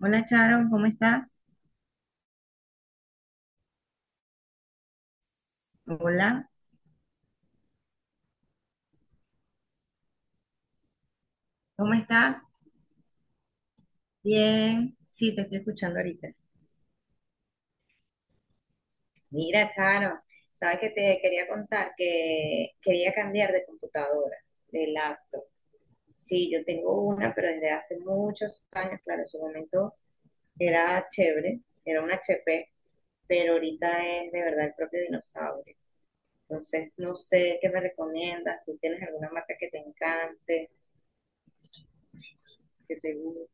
Hola Charo, ¿cómo estás? Hola, ¿cómo estás? Bien, sí, te estoy escuchando ahorita. Mira Charo, sabes que te quería contar que quería cambiar de computadora, de laptop. Sí, yo tengo una, pero desde hace muchos años, claro, en su momento era chévere, era una HP, pero ahorita es de verdad el propio dinosaurio. Entonces, no sé qué me recomiendas, ¿tú tienes alguna marca que te encante, que te guste?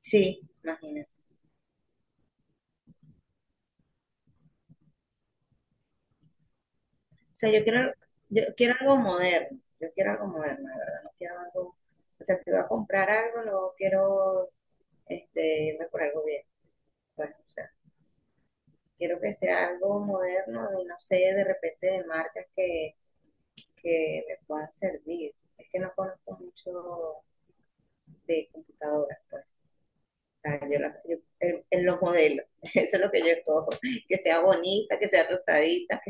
Sí, imagínate. O sea, yo quiero algo moderno, la verdad, no quiero algo, o sea, si voy a comprar algo, no quiero irme por algo bien, pues, o sea, quiero que sea algo moderno y no sé, de repente de marcas que me puedan servir. Es que no conozco mucho de computadoras, pues. O sea, en, los modelos, eso es lo que yo cojo, que sea bonita, que sea rosadita,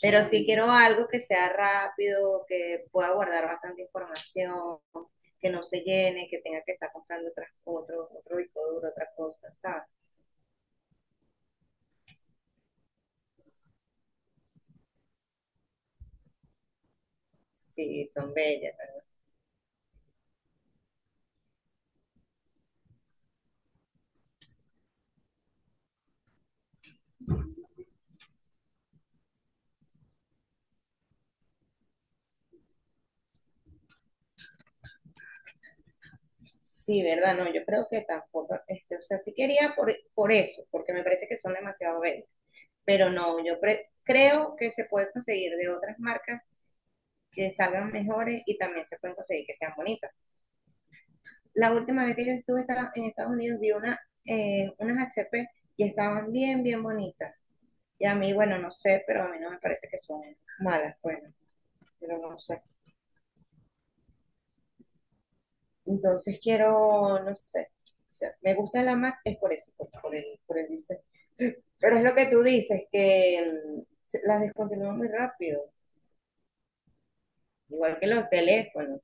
pero sí quiero algo que sea rápido, que pueda guardar bastante información, que no se llene, que tenga que estar comprando otras, otro disco duro, otra cosa, ¿sabes? Sí, son bellas. ¿Verdad? Sí, ¿verdad? No, yo creo que tampoco, o sea, sí quería por eso, porque me parece que son demasiado bellas. Pero no, yo creo que se puede conseguir de otras marcas que salgan mejores y también se pueden conseguir que sean bonitas. La última vez que yo estuve en Estados Unidos vi unas HP y estaban bien, bien bonitas. Y a mí, bueno, no sé, pero a mí no me parece que son malas, bueno, pero no sé. Entonces quiero, no sé, o sea, me gusta la Mac, es por eso, por el diseño. Pero es lo que tú dices, que mm, las descontinúan muy rápido. Igual que los teléfonos.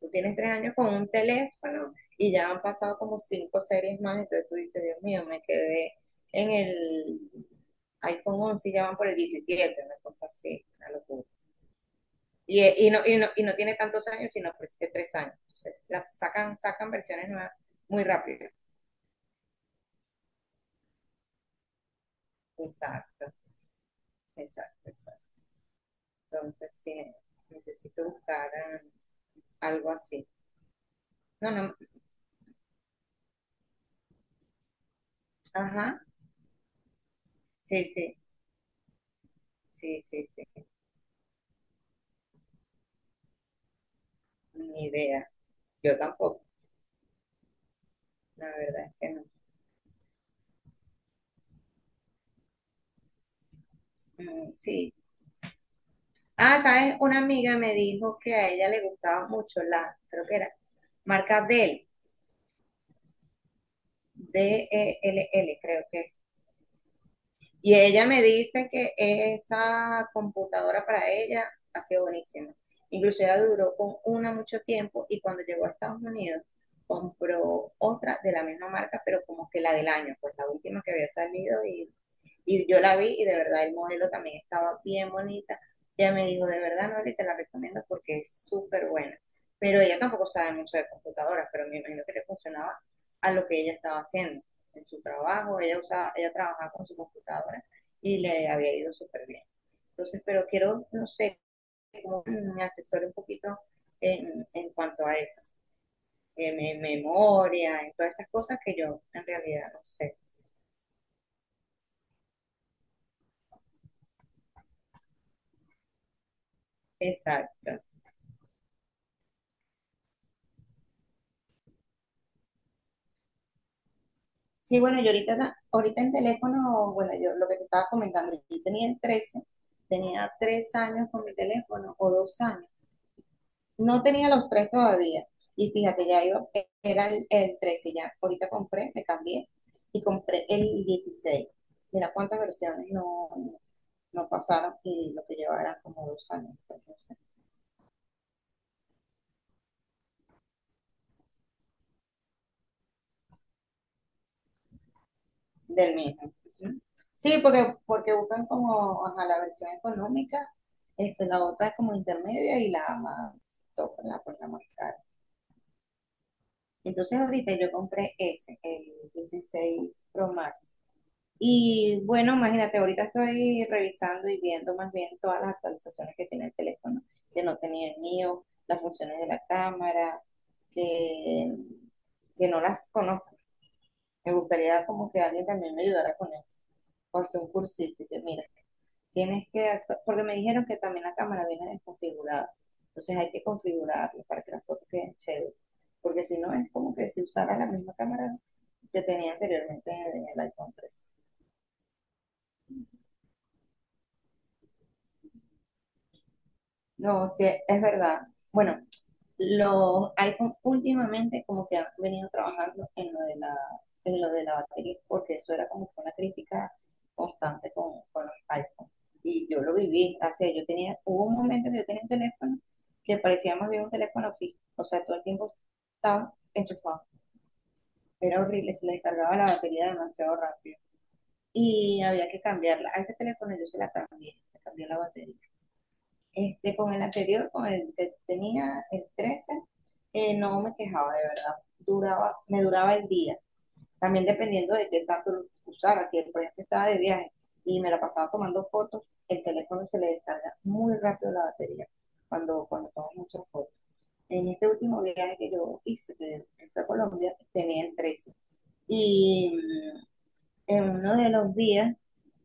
Tú tienes 3 años con un teléfono y ya han pasado como cinco series más, entonces tú dices, Dios mío, me quedé en el iPhone 11 y ya van por el 17, una cosa así, una locura. Y, no, y, no, y no tiene tantos años, sino pues que 3 años. Entonces, las sacan, sacan versiones nuevas muy rápido. Exacto, exacto, exacto. Entonces, sí, necesito buscar algo así. No, no, ajá, sí, sí, sí, sí, sí, ni idea. Yo tampoco, la verdad es que no. Mm, sí. Ah, ¿sabes? Una amiga me dijo que a ella le gustaba mucho la, creo que era, marca Dell, Dell, creo que es. Y ella me dice que esa computadora para ella ha sido buenísima. Incluso ella duró con una mucho tiempo y cuando llegó a Estados Unidos compró otra de la misma marca, pero como que la del año, pues la última que había salido. Y yo la vi y de verdad el modelo también estaba bien bonita. Ella me dijo, de verdad, Nori, te la recomiendo porque es súper buena. Pero ella tampoco sabe mucho de computadoras, pero me imagino que le funcionaba a lo que ella estaba haciendo en su trabajo. Ella usaba, ella trabajaba con su computadora y le había ido súper bien. Entonces, pero quiero, no sé, como me asesore un poquito en cuanto a eso, en memoria, en todas esas cosas que yo en realidad no sé. Exacto. Sí, bueno, yo ahorita en teléfono, bueno, yo lo que te estaba comentando, yo tenía el 13, tenía 3 años con mi teléfono o 2 años. No tenía los tres todavía. Y fíjate, ya iba, era el 13 ya. Ahorita compré, me cambié y compré el 16. Mira cuántas versiones no, no pasaron y lo que llevaba eran como 2 años, pues, no sé. Del mismo. Sí, porque, porque buscan como ajá, la versión económica, la otra es como intermedia y la más top, la más cara. Entonces ahorita yo compré ese, el 16 Pro Max. Y bueno, imagínate, ahorita estoy revisando y viendo más bien todas las actualizaciones que tiene el teléfono, de no tener el mío, las funciones de la cámara, de que no las conozco, me gustaría como que alguien también me ayudara con eso, con hacer un cursito, y que mira, porque me dijeron que también la cámara viene desconfigurada, entonces hay que configurarla para que las fotos queden chéveres, porque si no es como que si usara la misma cámara que tenía anteriormente en el iPhone 13. No, sí, es verdad. Bueno, los iPhone últimamente como que han venido trabajando en lo de la batería, porque eso era como que una crítica constante con los iPhone. Y yo lo viví, o sea, yo tenía, hubo un momento que yo tenía un teléfono que parecía más bien un teléfono fijo, o sea, todo el tiempo estaba enchufado, era horrible, se le descargaba la batería demasiado rápido y había que cambiarla. A ese teléfono yo se la cambié, le cambié la batería. Con el anterior, con el que tenía, el 13 no me quejaba de verdad. Duraba, me duraba el día. También dependiendo de qué tanto lo usara. Si el proyecto estaba de viaje y me la pasaba tomando fotos, el teléfono se le descarga muy rápido la batería cuando tomo muchas fotos. En este último viaje que yo hice, que fue a Colombia, tenía el 13. Y en uno de los días,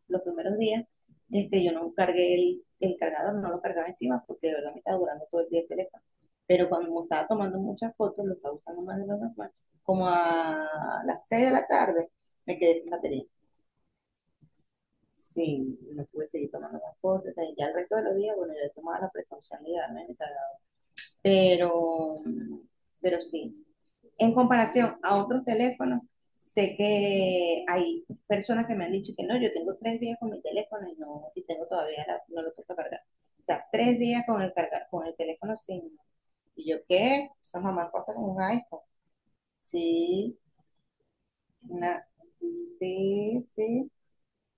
los primeros días, yo no cargué el cargador, no lo cargaba encima porque de verdad me estaba durando todo el día el teléfono. Pero cuando me estaba tomando muchas fotos, lo estaba usando más de lo normal, como a las 6 de la tarde, me quedé sin batería. Sí, no pude seguir tomando más fotos. Entonces, ya el resto de los días, bueno, yo tomaba la precaución de llevarme mi cargador, pero, pero sí. En comparación a otros teléfonos, sé que hay personas que me han dicho que no, yo tengo 3 días con mi teléfono y no, y tengo todavía no lo puedo cargar. O sea, 3 días con el con el teléfono sin. ¿Y yo qué? Son, jamás pasa con un iPhone. Sí, una, sí, sí.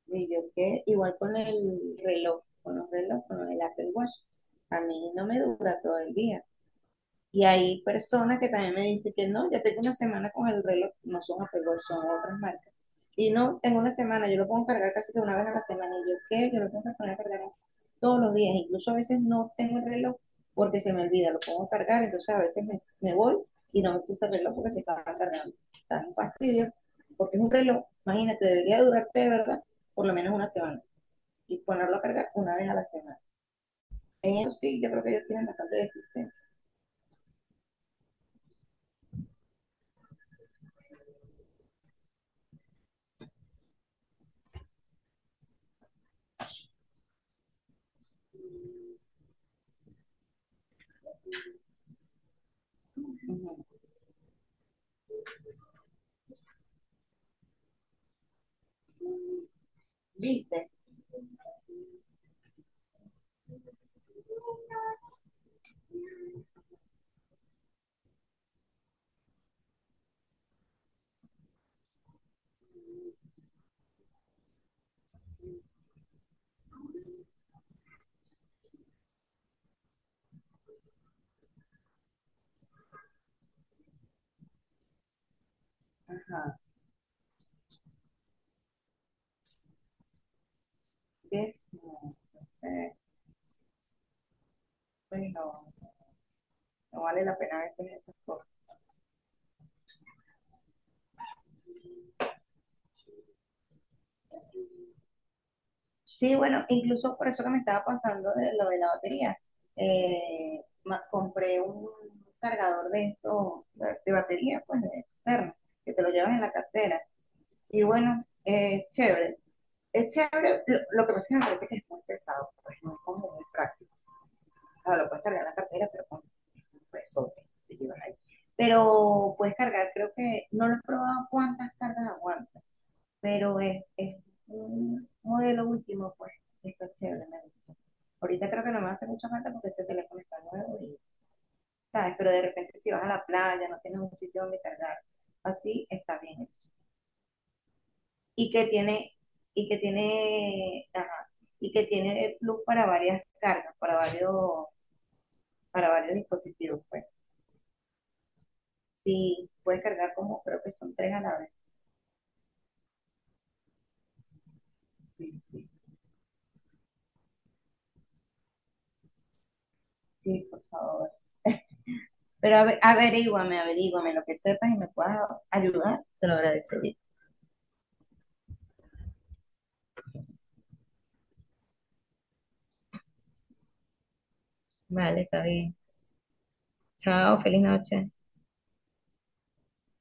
¿Y yo qué? Igual con el reloj, con los relojes, con el Apple Watch. A mí no me dura todo el día. Y hay personas que también me dicen que no, ya tengo una semana con el reloj, no son Apple Watch, son otras marcas. Y no, tengo una semana, yo lo puedo cargar casi que una vez a la semana. Y yo, ¿qué? Yo lo tengo que poner a cargar todos los días. Incluso a veces no tengo el reloj porque se me olvida, lo pongo a cargar, entonces a veces me voy y no me puse el reloj porque se estaba cargando. Está un fastidio, porque es un reloj, imagínate, debería durarte de verdad por lo menos una semana y ponerlo a cargar una vez a la semana. En eso sí, yo creo que ellos tienen bastante deficiencia. Ujú. ¿Viste? Ajá. ¿Ves? No, entonces, pues no, no vale la pena a veces esas cosas. Sí, bueno, incluso por eso que me estaba pasando de lo de la batería. Compré un cargador de esto, de batería, pues de externo, que te lo llevas en la cartera. Y bueno, chévere. Es chévere, lo que pasa es que me parece que es muy pesado, pues no es como muy práctico. Claro, lo puedes cargar en la cartera, pero con un pesote que te llevas ahí. Pero puedes cargar, creo que, no lo he probado cuántas cargas aguanta, pero es un modelo último, pues, está chévere, me gusta. Ahorita creo que no me hace mucha falta porque este teléfono está nuevo y, ¿sabes? Pero de repente si vas a la playa, no tienes un sitio donde cargar, así está bien. Y que tiene, ajá, y que tiene el plus para varias cargas, para varios dispositivos, pues. Sí, puedes cargar como creo que son tres a la vez. Sí, sí, sí, por favor. Pero averíguame lo que sepas y me puedas ayudar, te lo agradecería. Vale, está bien. Chao, feliz noche.